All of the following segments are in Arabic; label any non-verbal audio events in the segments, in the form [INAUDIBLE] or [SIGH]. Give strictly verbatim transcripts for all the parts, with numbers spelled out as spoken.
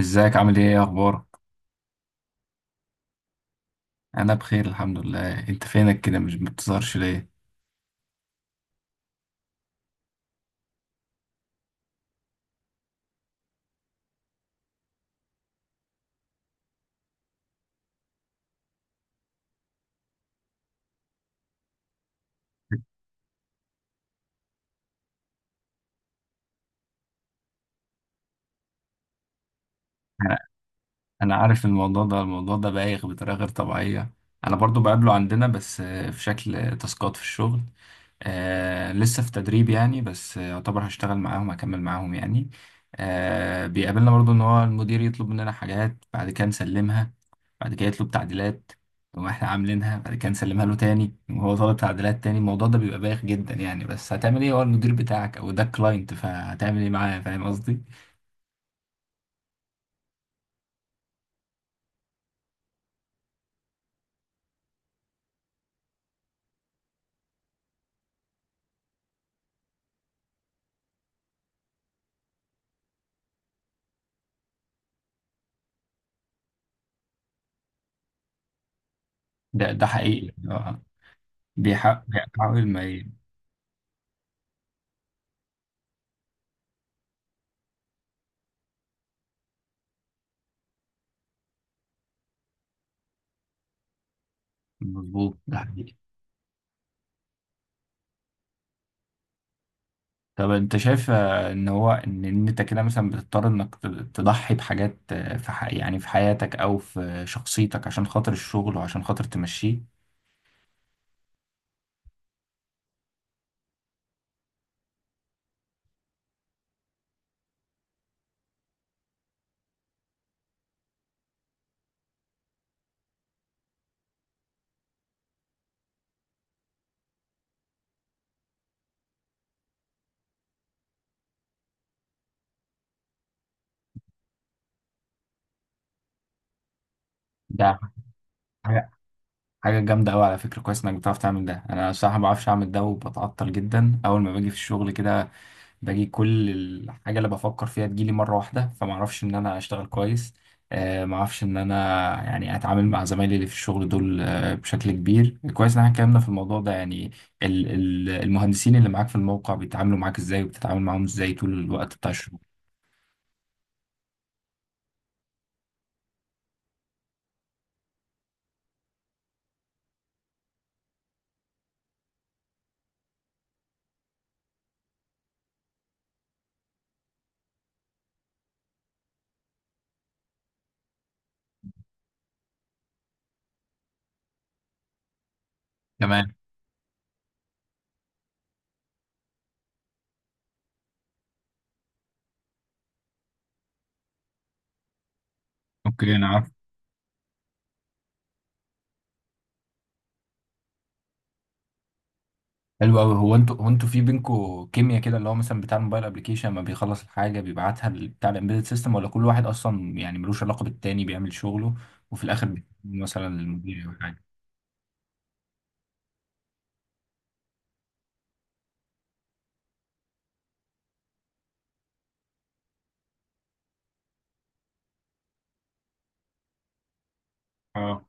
ازيك؟ عامل ايه، ايه اخبارك؟ انا بخير، الحمد لله. انت فينك كده؟ مش بتظهرش ليه؟ انا أنا عارف. الموضوع ده الموضوع ده بايخ بطريقه غير طبيعيه. انا برضو بقابله عندنا، بس آه، في شكل تاسكات في الشغل. آه لسه في تدريب يعني، بس آه، يعتبر هشتغل معاهم، هكمل معاهم يعني. آه بيقابلنا برضو ان هو المدير يطلب مننا حاجات، بعد كده نسلمها. بعد كده يطلب تعديلات. تقوم احنا عاملينها، بعد كده نسلمها له تاني، وهو طالب تعديلات تاني. الموضوع ده بيبقى بايخ جدا يعني، بس هتعمل ايه؟ هو المدير بتاعك او ده كلاينت، فهتعمل ايه معاه؟ فاهم قصدي؟ ده ده حقيقي، اه. بيحاول بيحاول ما ي- مظبوط، ده حقيقي. طب انت شايف آه، ان هو ان إن انت كده مثلا بتضطر انك ت- تضحي بحاجات، آه، في ح... يعني في حياتك او في شخصيتك عشان خاطر الشغل وعشان خاطر تمشيه؟ ده حاجة جامدة أوي على فكرة. كويس إنك بتعرف تعمل ده، أنا الصراحة ما بعرفش أعمل ده وبتعطل جدا أول ما باجي في الشغل كده. باجي كل الحاجة اللي بفكر فيها تجيلي مرة واحدة، فما أعرفش إن أنا أشتغل كويس. آه، ما أعرفش إن أنا يعني أتعامل مع زمايلي اللي في الشغل دول آه، بشكل كبير. كويس إن إحنا اتكلمنا في الموضوع ده يعني. ال- ال- المهندسين اللي معاك في الموقع بيتعاملوا معاك إزاي، وبتتعامل معاهم إزاي طول الوقت بتاع الشغل؟ تمام. اوكي. انا حلو قوي. هو انتوا هو انتوا في بينكوا كيمياء كده، اللي هو مثلا بتاع الموبايل ابلكيشن لما بيخلص الحاجه بيبعتها بتاع الامبيدد سيستم، ولا كل واحد اصلا يعني ملوش علاقه بالتاني بيعمل شغله، وفي الاخر بيكون مثلا المدير او حاجه؟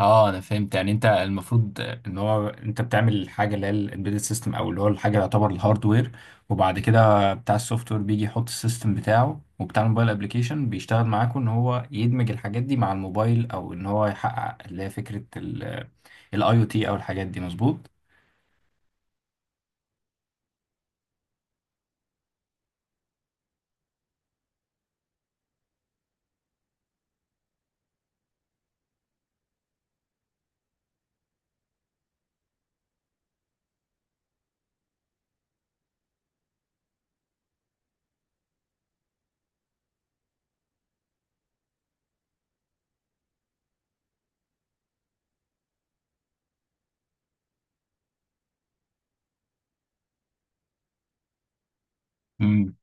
اه، انا فهمت يعني. انت المفروض ان هو انت بتعمل الحاجه اللي هي الامبيدد سيستم، او اللي هو الحاجه اللي يعتبر الهاردوير. وبعد كده بتاع السوفت وير بيجي يحط السيستم بتاعه، وبتاع الموبايل ابلكيشن بيشتغل معاكم ان هو يدمج الحاجات دي مع الموبايل، او ان هو يحقق اللي هي فكره الاي او تي او الحاجات دي. مظبوط؟ امم،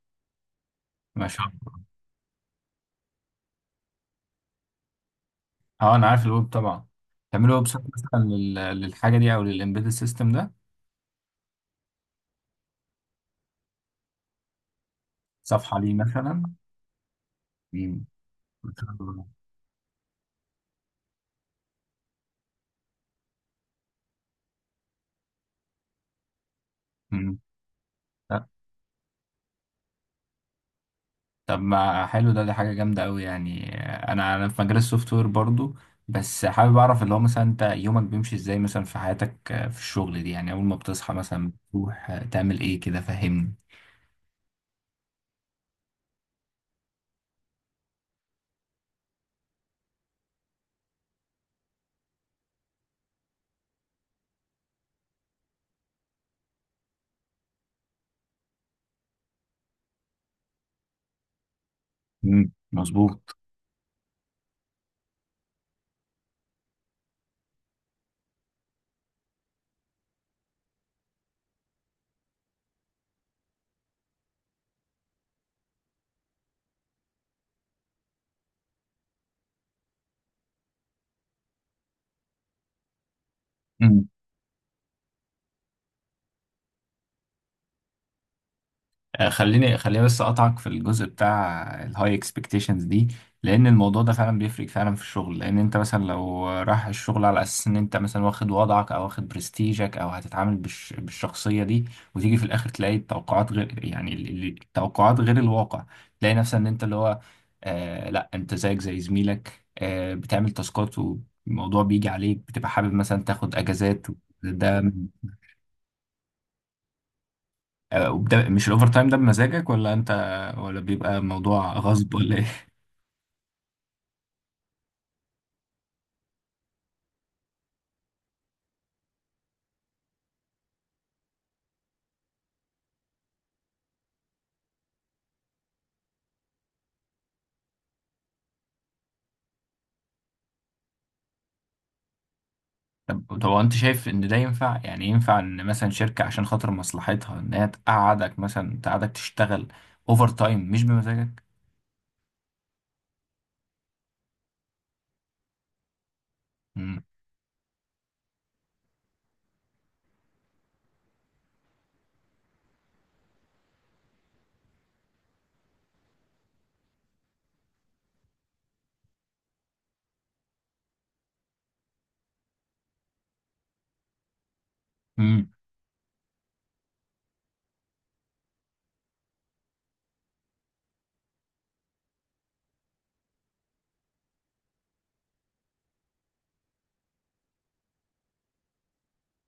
ما شاء الله. اه، انا عارف الويب طبعا. تعملوا ويب سايت مثلا لل- للحاجه دي، او للامبيدد سيستم ده. صفحه ليه مثلا؟ امم، ما شاء الله. امم. طب ما حلو ده. دي حاجة جامدة أوي يعني، أنا أنا في مجال السوفت وير برضو. بس حابب أعرف اللي هو مثلا أنت يومك بيمشي إزاي مثلا في حياتك، آه، في الشغل دي يعني. أول ما بتصحى مثلا بتروح آه، تعمل إيه كده؟ فهمني. مم، مظبوط. آه، خليني خليني بس اقطعك في الجزء بتاع الهاي اكسبكتيشنز دي. لان الموضوع ده فعلا بيفرق فعلا في الشغل. لان انت مثلا لو رايح الشغل على اساس ان انت مثلا واخد وضعك، او واخد برستيجك، او هتتعامل بالش... بالشخصيه دي. وتيجي في الاخر تلاقي التوقعات غير يعني ال- ال- التوقعات غير الواقع. تلاقي نفسك ان انت اللي هو، آه لا انت زيك زي زميلك آه بتعمل تاسكات، والموضوع بيجي عليك بتبقى حابب مثلا تاخد اجازات ده. آه، وبدا مش الاوفر تايم ده بمزاجك، ولا انت، ولا بيبقى موضوع غصب، ولا ايه؟ [LAUGHS] طب طب، هو انت شايف ان ده ينفع؟ يعني ينفع ان مثلا شركة عشان خاطر مصلحتها ان هي تقعدك مثلا تقعدك تشتغل اوفر تايم مش بمزاجك؟ مم. مم.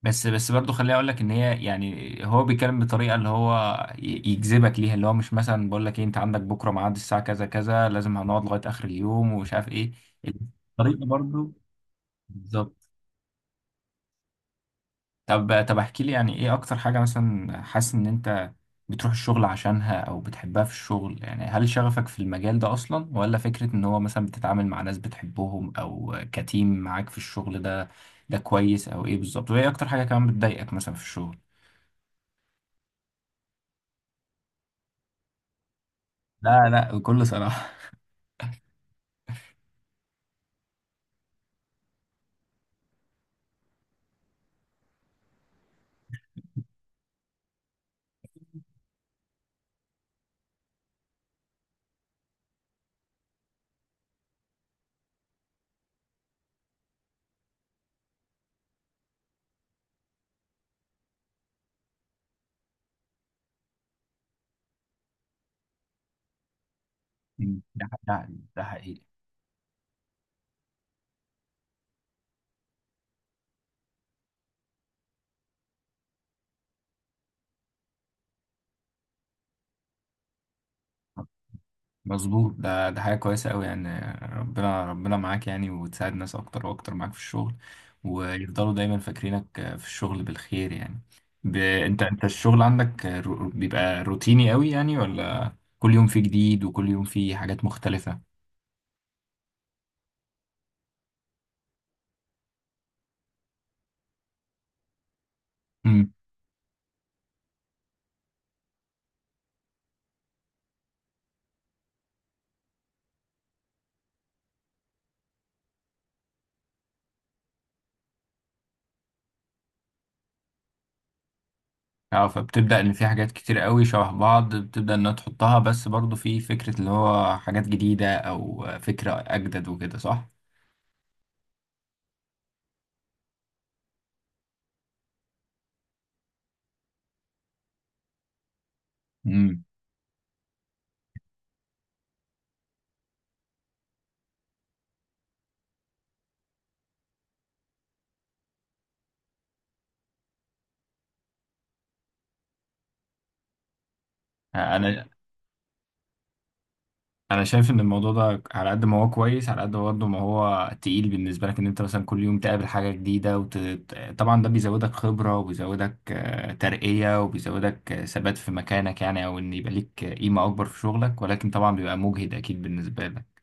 بس بس برضه، خليني اقول لك ان هي يعني هو بيتكلم بطريقه اللي هو ي- يجذبك ليها، اللي هو مش مثلا بقول لك ايه، انت عندك بكره ميعاد الساعه كذا كذا، لازم هنقعد لغايه اخر اليوم ومش عارف ايه. الطريقه برضه. بالظبط. طب طب، احكي لي يعني ايه اكتر حاجة مثلا حاسس ان انت بتروح الشغل عشانها او بتحبها في الشغل؟ يعني هل شغفك في المجال ده اصلا، ولا فكرة ان هو مثلا بتتعامل مع ناس بتحبهم او كتيم معاك في الشغل ده؟ ده كويس؟ او ايه بالظبط؟ وايه اكتر حاجة كمان بتضايقك مثلا في الشغل؟ لا لا، بكل صراحة. مم. ده ده ده حقيقي. مظبوط، ده ده حاجة كويسة أوي يعني. ربنا ربنا معاك يعني، وتساعد ناس أكتر وأكتر معاك في الشغل. ويفضلوا دايما فاكرينك في الشغل بالخير يعني. ب... أنت أنت الشغل عندك رو... بيبقى روتيني أوي يعني، ولا كل يوم فيه جديد وكل يوم فيه حاجات مختلفة؟ امم، اه، فبتبدأ إن في حاجات كتير أوي شبه بعض، بتبدأ إنها تحطها، بس برضه في فكرة اللي هو حاجات جديدة أو فكرة أجدد وكده، صح؟ امم انا انا شايف ان الموضوع ده على قد ما هو كويس، على قد برضه ما هو تقيل بالنسبه لك ان انت مثلا كل يوم تقابل حاجه جديده وت... طبعا ده بيزودك خبره، وبيزودك آه، ترقيه، وبيزودك آه، ثبات في مكانك يعني، او ان يبقى ليك آه، قيمه اكبر في شغلك. ولكن طبعا بيبقى مجهد اكيد بالنسبه لك.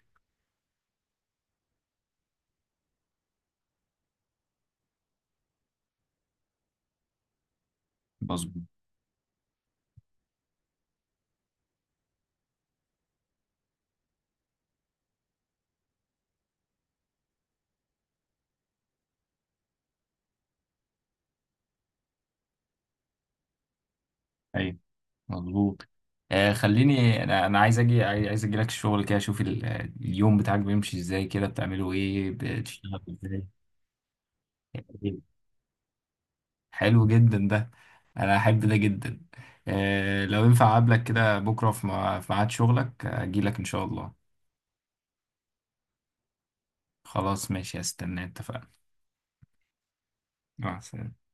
مظبوط. ايوه مظبوط. آه خليني انا انا عايز اجي، عاي- عايز اجي لك الشغل كده اشوف ال- آه، اليوم بتاعك بيمشي ازاي كده، بتعملوا ايه؟ بتشتغل ازاي؟ حلو جدا ده. انا احب ده جدا. آه، لو ينفع اقابلك كده بكره في مع- في ميعاد شغلك اجي لك ان شاء الله. خلاص، ماشي. هستنى، اتفقنا. مع السلامه.